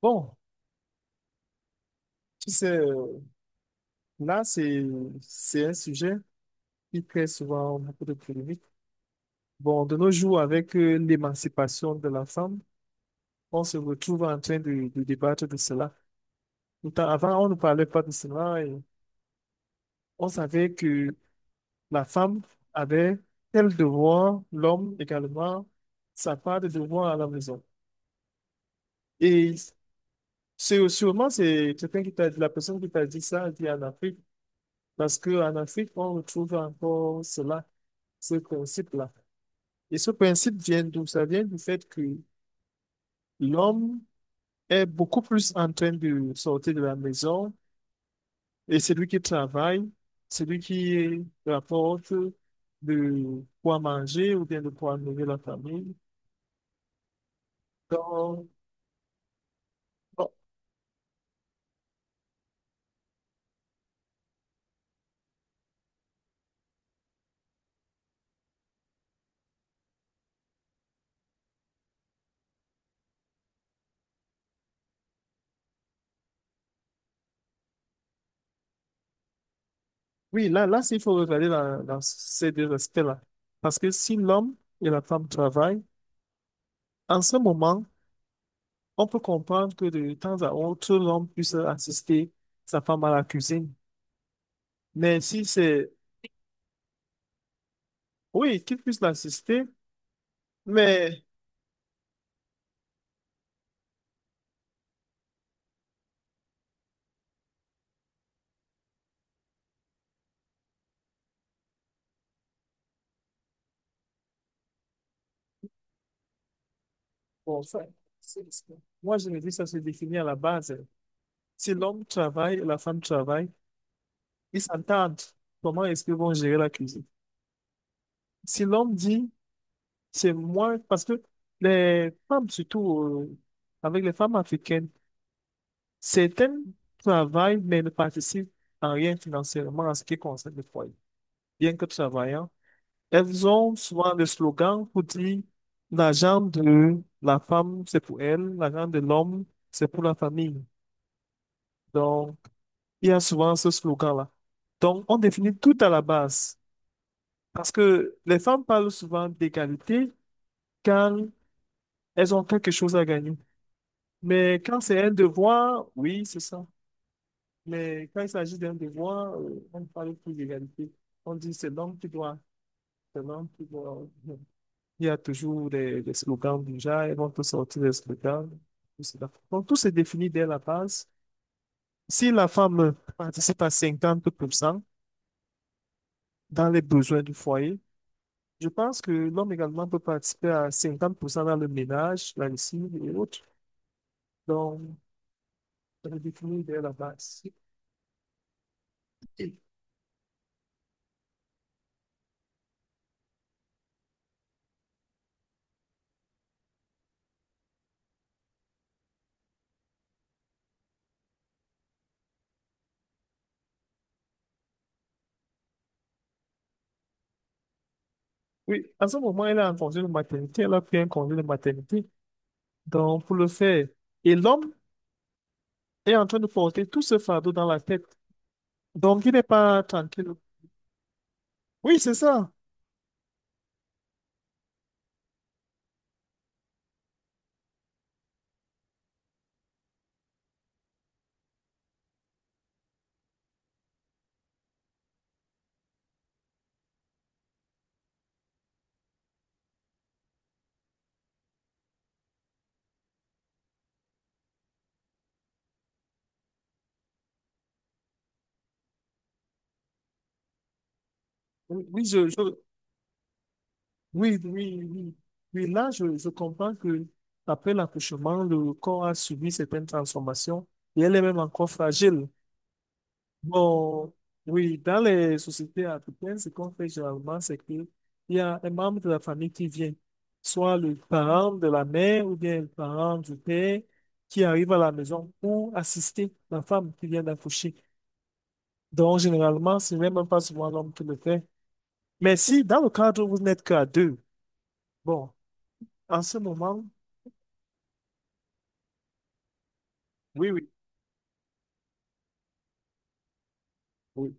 Bon, tu sais, là, c'est un sujet qui crée souvent beaucoup de polémiques. Bon, de nos jours, avec l'émancipation de la femme, on se retrouve en train de débattre de cela. Pourtant, avant, on ne parlait pas de cela et on savait que la femme avait tel devoir, l'homme également, sa part de devoir à la maison. Et c'est sûrement, c'est quelqu'un qui t'a dit, la personne qui t'a dit ça, elle dit en Afrique. Parce qu'en Afrique, on retrouve encore cela, ce principe-là. Et ce principe vient d'où? Ça vient du fait que l'homme est beaucoup plus en train de sortir de la maison et c'est lui qui travaille, c'est lui qui rapporte de quoi manger ou bien de quoi nourrir la famille. Donc, bon, oui, là, il faut regarder dans ces deux aspects-là. Parce que si l'homme et la femme travaillent, en ce moment, on peut comprendre que de temps à autre, l'homme puisse assister sa femme à la cuisine. Mais si c'est, oui, qu'il puisse l'assister, mais bon, ça, c'est- c'est- moi je me dis ça se définit à la base. Si l'homme travaille et la femme travaille, ils s'entendent. Comment est-ce qu'ils vont gérer la cuisine? Si l'homme dit, c'est moi, parce que les femmes, surtout avec les femmes africaines, certaines travaillent, mais ne participent en rien financièrement à ce qui concerne le foyer bien que travaillant. Elles ont souvent des slogans pour dire la jambe de la femme, c'est pour elle, la jambe de l'homme, c'est pour la famille. Donc, il y a souvent ce slogan-là. Donc, on définit tout à la base. Parce que les femmes parlent souvent d'égalité quand elles ont quelque chose à gagner. Mais quand c'est un devoir, oui, c'est ça. Mais quand il s'agit d'un devoir, on ne parle plus d'égalité. On dit c'est l'homme qui doit, c'est l'homme qui doit. Il y a toujours des slogans déjà, ils vont tous sortir des slogans. Tout cela. Donc, tout se définit dès la base. Si la femme participe à 50% dans les besoins du foyer, je pense que l'homme également peut participer à 50% dans le ménage, la lessive et autres. Donc, ça se définit dès la base. Oui, à ce moment, elle est en congé de maternité, elle a pris un congé de maternité. Donc, pour le faire, et l'homme est en train de porter tout ce fardeau dans la tête. Donc, il n'est pas tranquille. Oui, c'est ça. Oui, oui, oui, oui, oui. Oui, là, je comprends que après l'accouchement, le corps a subi certaines transformations et elle est même encore fragile. Bon, oui, dans les sociétés africaines, ce qu'on fait généralement, c'est qu'il y a un membre de la famille qui vient, soit le parent de la mère ou bien le parent du père qui arrive à la maison pour assister la femme qui vient d'accoucher. Donc, généralement, ce n'est même pas souvent l'homme qui le fait. Mais si dans le cadre où vous n'êtes qu'à deux, bon. En ce moment, oui, oui, oui.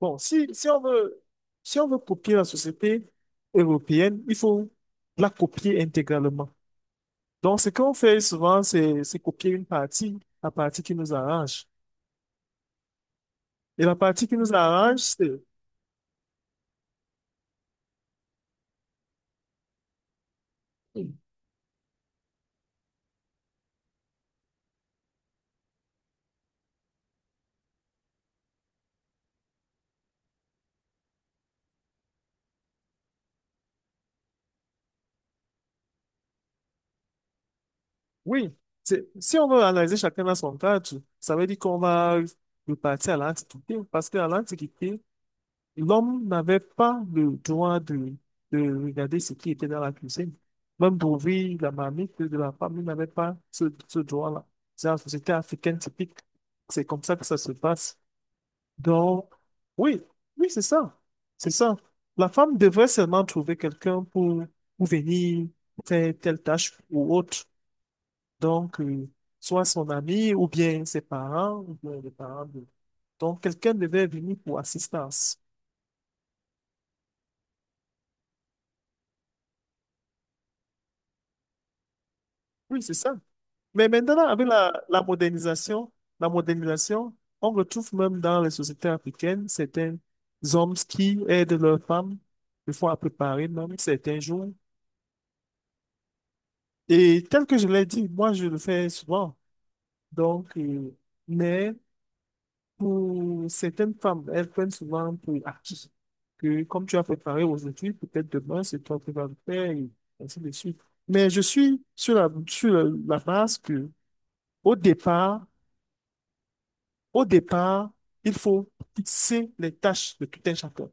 Bon, si on veut, si on veut copier la société européenne, il faut la copier intégralement. Donc, ce qu'on fait souvent, c'est copier une partie, la partie qui nous arrange. Et la partie qui nous arrange, c'est, oui, c'est, si on veut analyser chacun à son cadre, ça veut dire qu'on va repartir à l'Antiquité, parce qu'à l'Antiquité, l'homme n'avait pas le droit de regarder ce qui était dans la cuisine. Même d'ouvrir la marmite de la femme, il n'avait pas ce droit-là. C'est la société africaine typique. C'est comme ça que ça se passe. Donc, oui, oui, c'est ça. C'est ça. La femme devrait seulement trouver quelqu'un pour venir faire telle tâche ou autre. Donc, soit son ami, ou bien ses parents, ou bien les parents de... Donc, quelqu'un devait venir pour assistance. Oui, c'est ça. Mais maintenant, avec la modernisation, on retrouve même dans les sociétés africaines certains hommes qui aident leurs femmes, des fois à préparer même certains jours. Et tel que je l'ai dit, moi, je le fais souvent. Donc, mais pour certaines femmes, elles prennent souvent pour acquis que comme tu as préparé aujourd'hui, peut-être demain, c'est toi qui vas le faire, et ainsi de suite. Mais je suis sur la base que, au départ, au départ, il faut fixer les tâches de tout un chacun.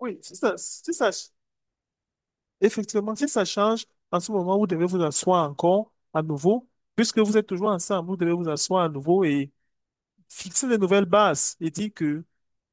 Oui, si ça, si ça, effectivement, si ça change, en ce moment, vous devez vous asseoir encore à nouveau, puisque vous êtes toujours ensemble, vous devez vous asseoir à nouveau et fixer de nouvelles bases et dire que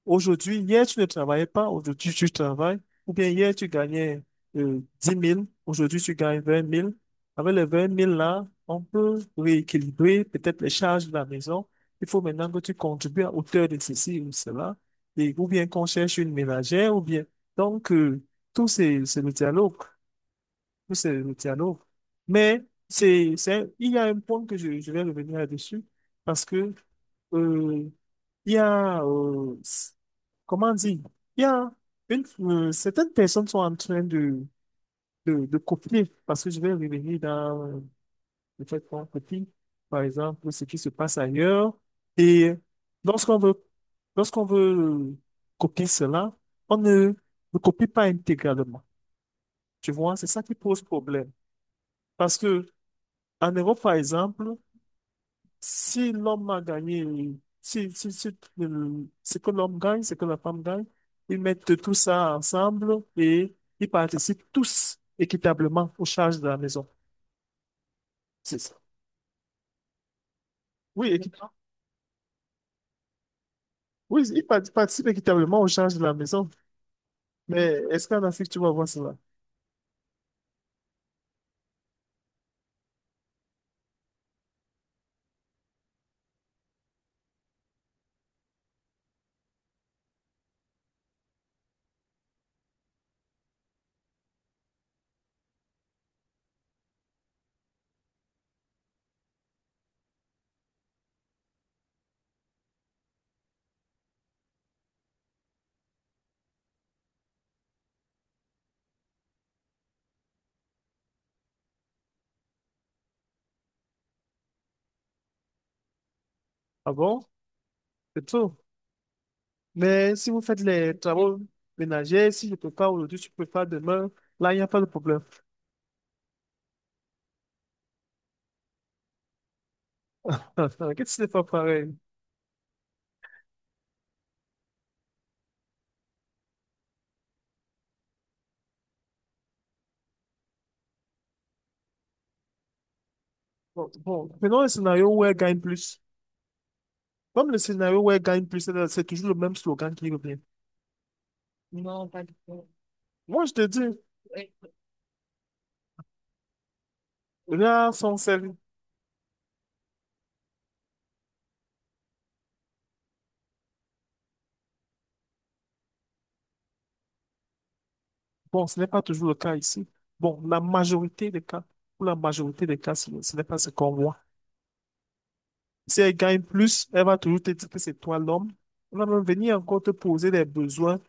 aujourd'hui, hier, tu ne travaillais pas, aujourd'hui, tu travailles, ou bien hier, tu gagnais 10 000, aujourd'hui, tu gagnes 20 000. Avec les 20 000 là, on peut rééquilibrer peut-être les charges de la maison. Il faut maintenant que tu contribues à hauteur de ceci ou cela, et, ou bien qu'on cherche une ménagère, ou bien. Donc, tout c'est le dialogue. Tout c'est le dialogue. Mais il y a un point que je vais revenir là-dessus, parce que euh, il y a, comment dire, il y a certaines personnes sont en train de copier, parce que je vais revenir dans le fait qu'on copie, par exemple, ce qui se passe ailleurs. Et lorsqu'on veut, lorsqu'on veut copier cela, on ne ne copie pas intégralement. Tu vois, c'est ça qui pose problème. Parce que en Europe, par exemple, si l'homme a gagné, si ce que l'homme gagne, ce que la femme gagne, ils mettent tout ça ensemble et ils participent tous équitablement aux charges de la maison. C'est ça. Oui, oui, participent équitablement aux charges de la maison. Mais est-ce qu'en Afrique, tu vas voir cela? Ah bon? C'est tout. Mais si vous faites les travaux ménagers, si je prépare aujourd'hui, tu prépares demain, là, il n'y a pas de problème. Qu'est-ce que c'est pas pareil? Bon, bon, prenons un scénario où elle gagne plus. Comme le scénario où elle gagne plus, elle- c'est toujours le même slogan qui revient. Non, pas du tout. Moi, je te dis, ouais, là, sont sérieux. Bon, ce n'est pas toujours le cas ici. Bon, la majorité des cas, pour la majorité des cas, ce n'est pas ce qu'on voit. Si elle gagne plus, elle va toujours te dire que c'est toi l'homme. Elle va même venir encore te poser des besoins.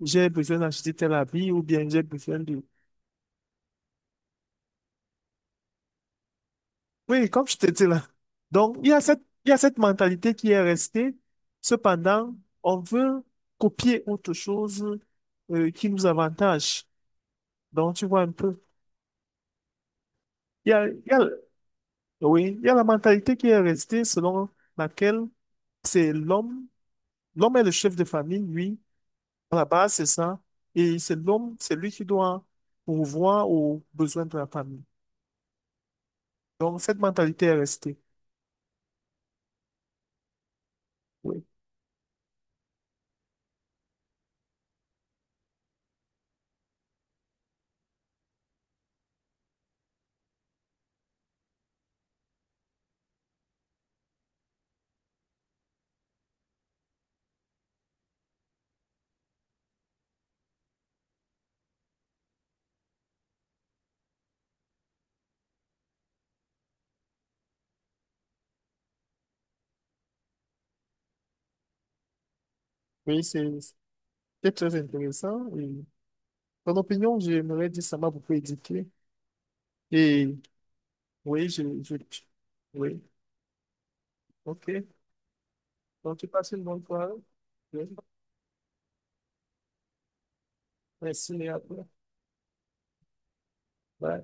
J'ai besoin d'acheter tel habit ou bien j'ai besoin de oui, comme je te dis là. Donc, il y a cette mentalité qui est restée. Cependant, on veut copier autre chose qui nous avantage. Donc, tu vois un peu. Il y a, il y a, oui, il y a la mentalité qui est restée selon laquelle c'est l'homme, l'homme est le chef de famille, lui. À la base, c'est ça. Et c'est l'homme, c'est lui qui doit pourvoir aux besoins de la famille. Donc, cette mentalité est restée. Oui. Oui, c'est très intéressant. Et ton opinion, j'aimerais dire, ça m'a beaucoup édifié. Et oui, oui, ok. Donc, tu passes une bonne soirée. Oui. Merci, et à toi. Bye.